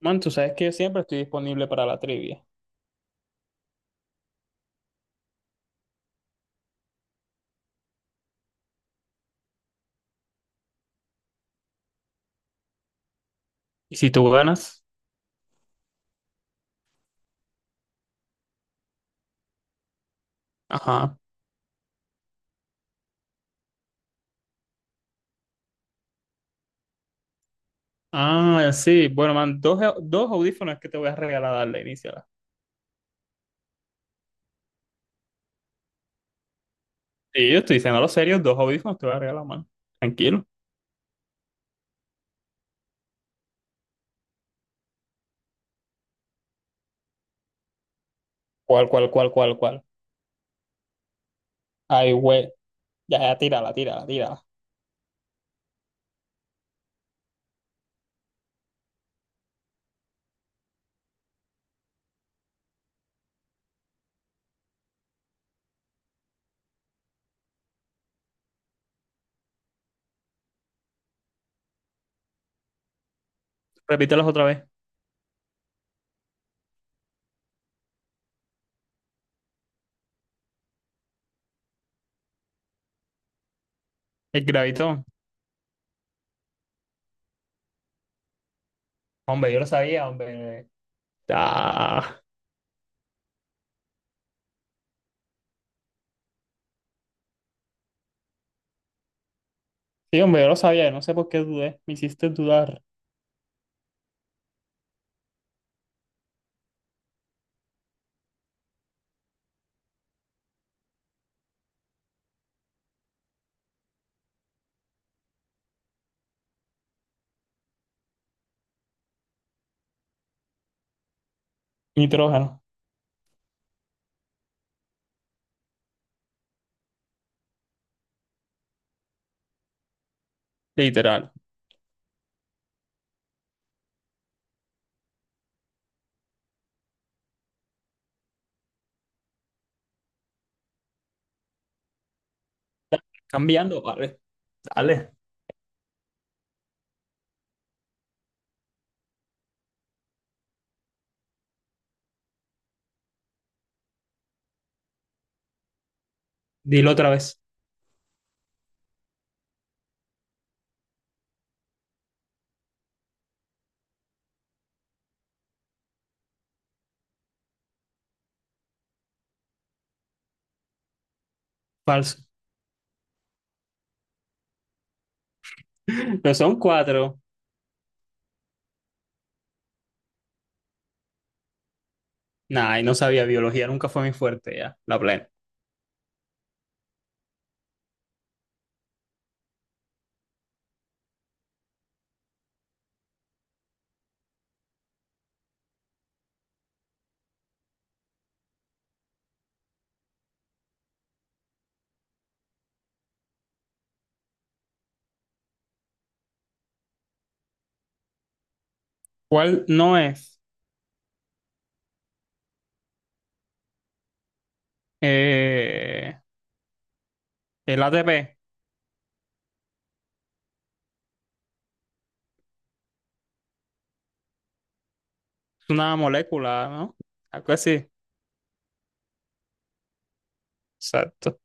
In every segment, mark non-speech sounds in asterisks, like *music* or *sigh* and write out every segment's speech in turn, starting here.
Man, tú sabes que yo siempre estoy disponible para la trivia. Y si tú ganas, ajá. Ah, sí. Bueno, man, dos audífonos que te voy a regalar, darle inicio. Sí, yo estoy diciendo lo serio, dos audífonos te voy a regalar, man. Tranquilo. ¿Cuál? Ay, güey. Ya, ya, tírala, tírala, tírala. Repítelos otra vez. El gravitón. Hombre, yo lo sabía, hombre. Ah. Sí, hombre, yo lo sabía. No sé por qué dudé. Me hiciste dudar. Nitrógeno. Literal. Cambiando, vale. Dale. Dilo otra vez. Falso. *laughs* No son cuatro. Nah, y no sabía, biología nunca fue mi fuerte ya, la plena. ¿Cuál no es? Eh, el ATP, es una molécula, ¿no? Algo así. Exacto.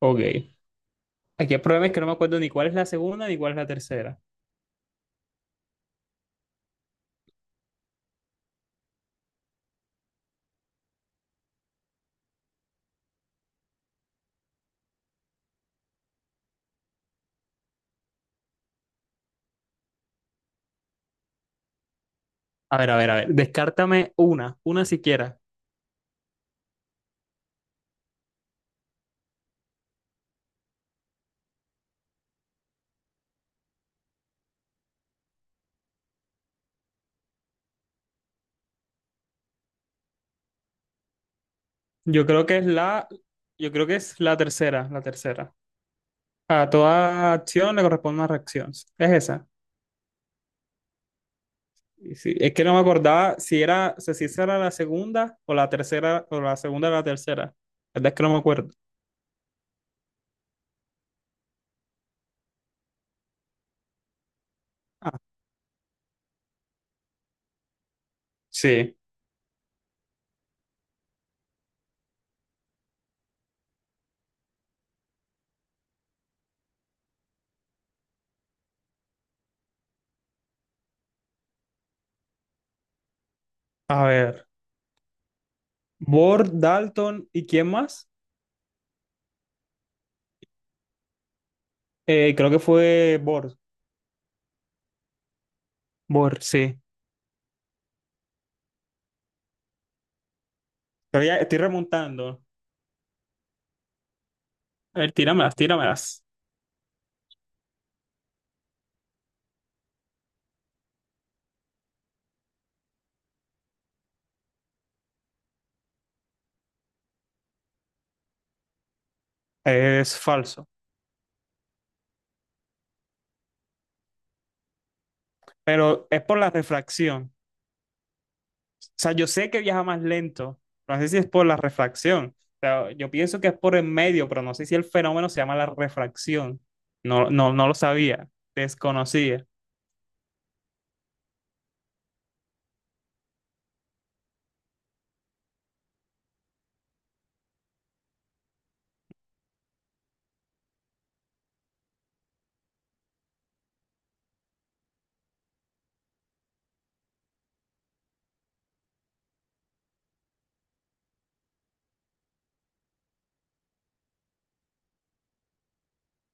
Ok. Aquí el problema es que no me acuerdo ni cuál es la segunda ni cuál es la tercera. A ver, a ver, a ver. Descártame una siquiera. Yo creo que es la, yo creo que es la tercera, la tercera. A toda acción le corresponde una reacción. ¿Es esa? Y sí, es que no me acordaba si era, o sea, si esa era la segunda o la tercera, o la segunda o la tercera. La verdad es que no me acuerdo. Ah, sí. A ver. ¿Bor, Dalton y quién más? Creo que fue Bor. Bor, sí. Pero ya estoy remontando. A ver, tíramelas, tíramelas. Es falso. Pero es por la refracción. Sea, yo sé que viaja más lento, no sé si es por la refracción. O sea, yo pienso que es por el medio, pero no sé si el fenómeno se llama la refracción. No, no, no lo sabía, desconocía.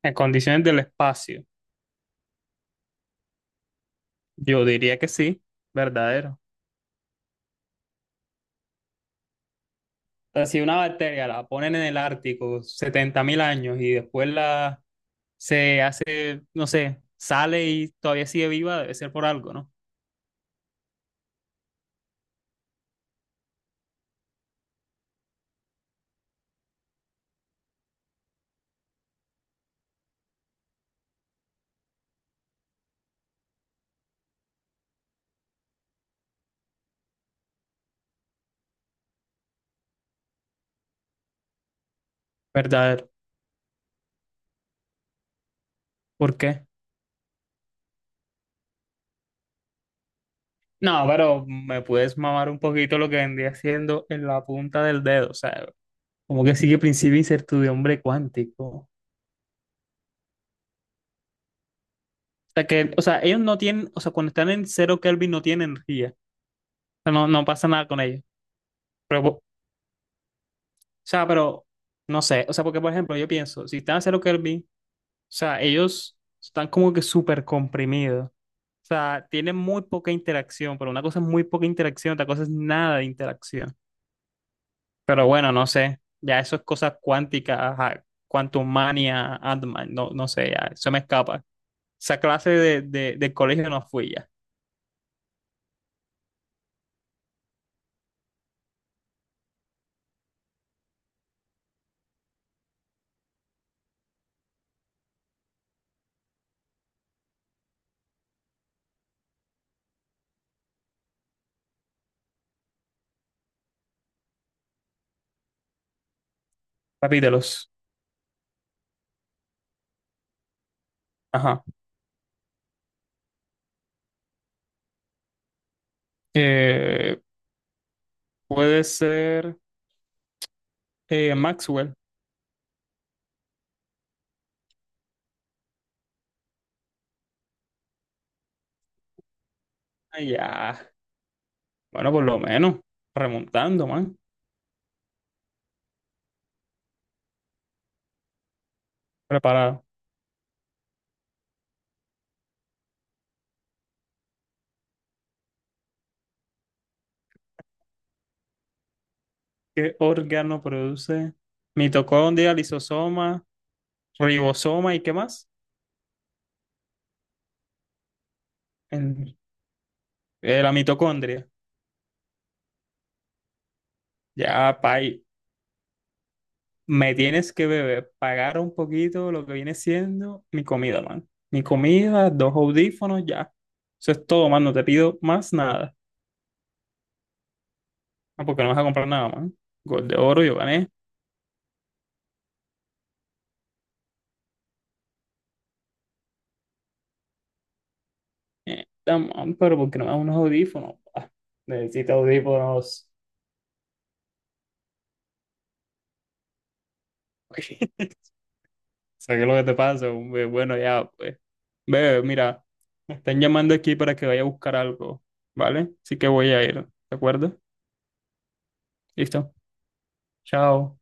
En condiciones del espacio, yo diría que sí, verdadero. O sea, si una bacteria la ponen en el Ártico 70,000 años y después la se hace, no sé, sale y todavía sigue viva, debe ser por algo, ¿no? Verdadero. ¿Por qué? No, pero me puedes mamar un poquito lo que vendría haciendo en la punta del dedo, o sea, como que sigue principio de incertidumbre cuántico. O sea, que, o sea, ellos no tienen, o sea, cuando están en cero Kelvin no tienen energía, o sea, no, no pasa nada con ellos. Pero, po- o sea, pero, no sé, o sea, porque por ejemplo, yo pienso, si están a cero Kelvin, o sea, ellos están como que súper comprimidos, o sea, tienen muy poca interacción, pero una cosa es muy poca interacción, otra cosa es nada de interacción. Pero bueno, no sé. Ya eso es cosas cuánticas, ajá, quantum mania, Ant-Man, no, no sé, ya, eso me escapa. Esa clase del colegio no fui ya. Capítulos. Ajá. Eh, Puede ser Maxwell. Ah, ya. Bueno, por lo menos. Remontando, man. Preparado. ¿Qué órgano produce mitocondria, lisosoma, ribosoma y qué más? El- la mitocondria. Ya, pa, me tienes que beber pagar un poquito lo que viene siendo mi comida, man. Mi comida, dos audífonos, ya. Eso es todo, man. No te pido más nada. Ah, ¿porque no vas a comprar nada, man? Gol de oro, yo gané. Da, man, ¿pero porque no me das unos audífonos? Necesito audífonos. *laughs* ¿Sabes lo que te pasa, hombre? Bueno, ya, pues. Bebé, mira, me están llamando aquí para que vaya a buscar algo, ¿vale? Así que voy a ir, ¿de acuerdo? Listo. Chao.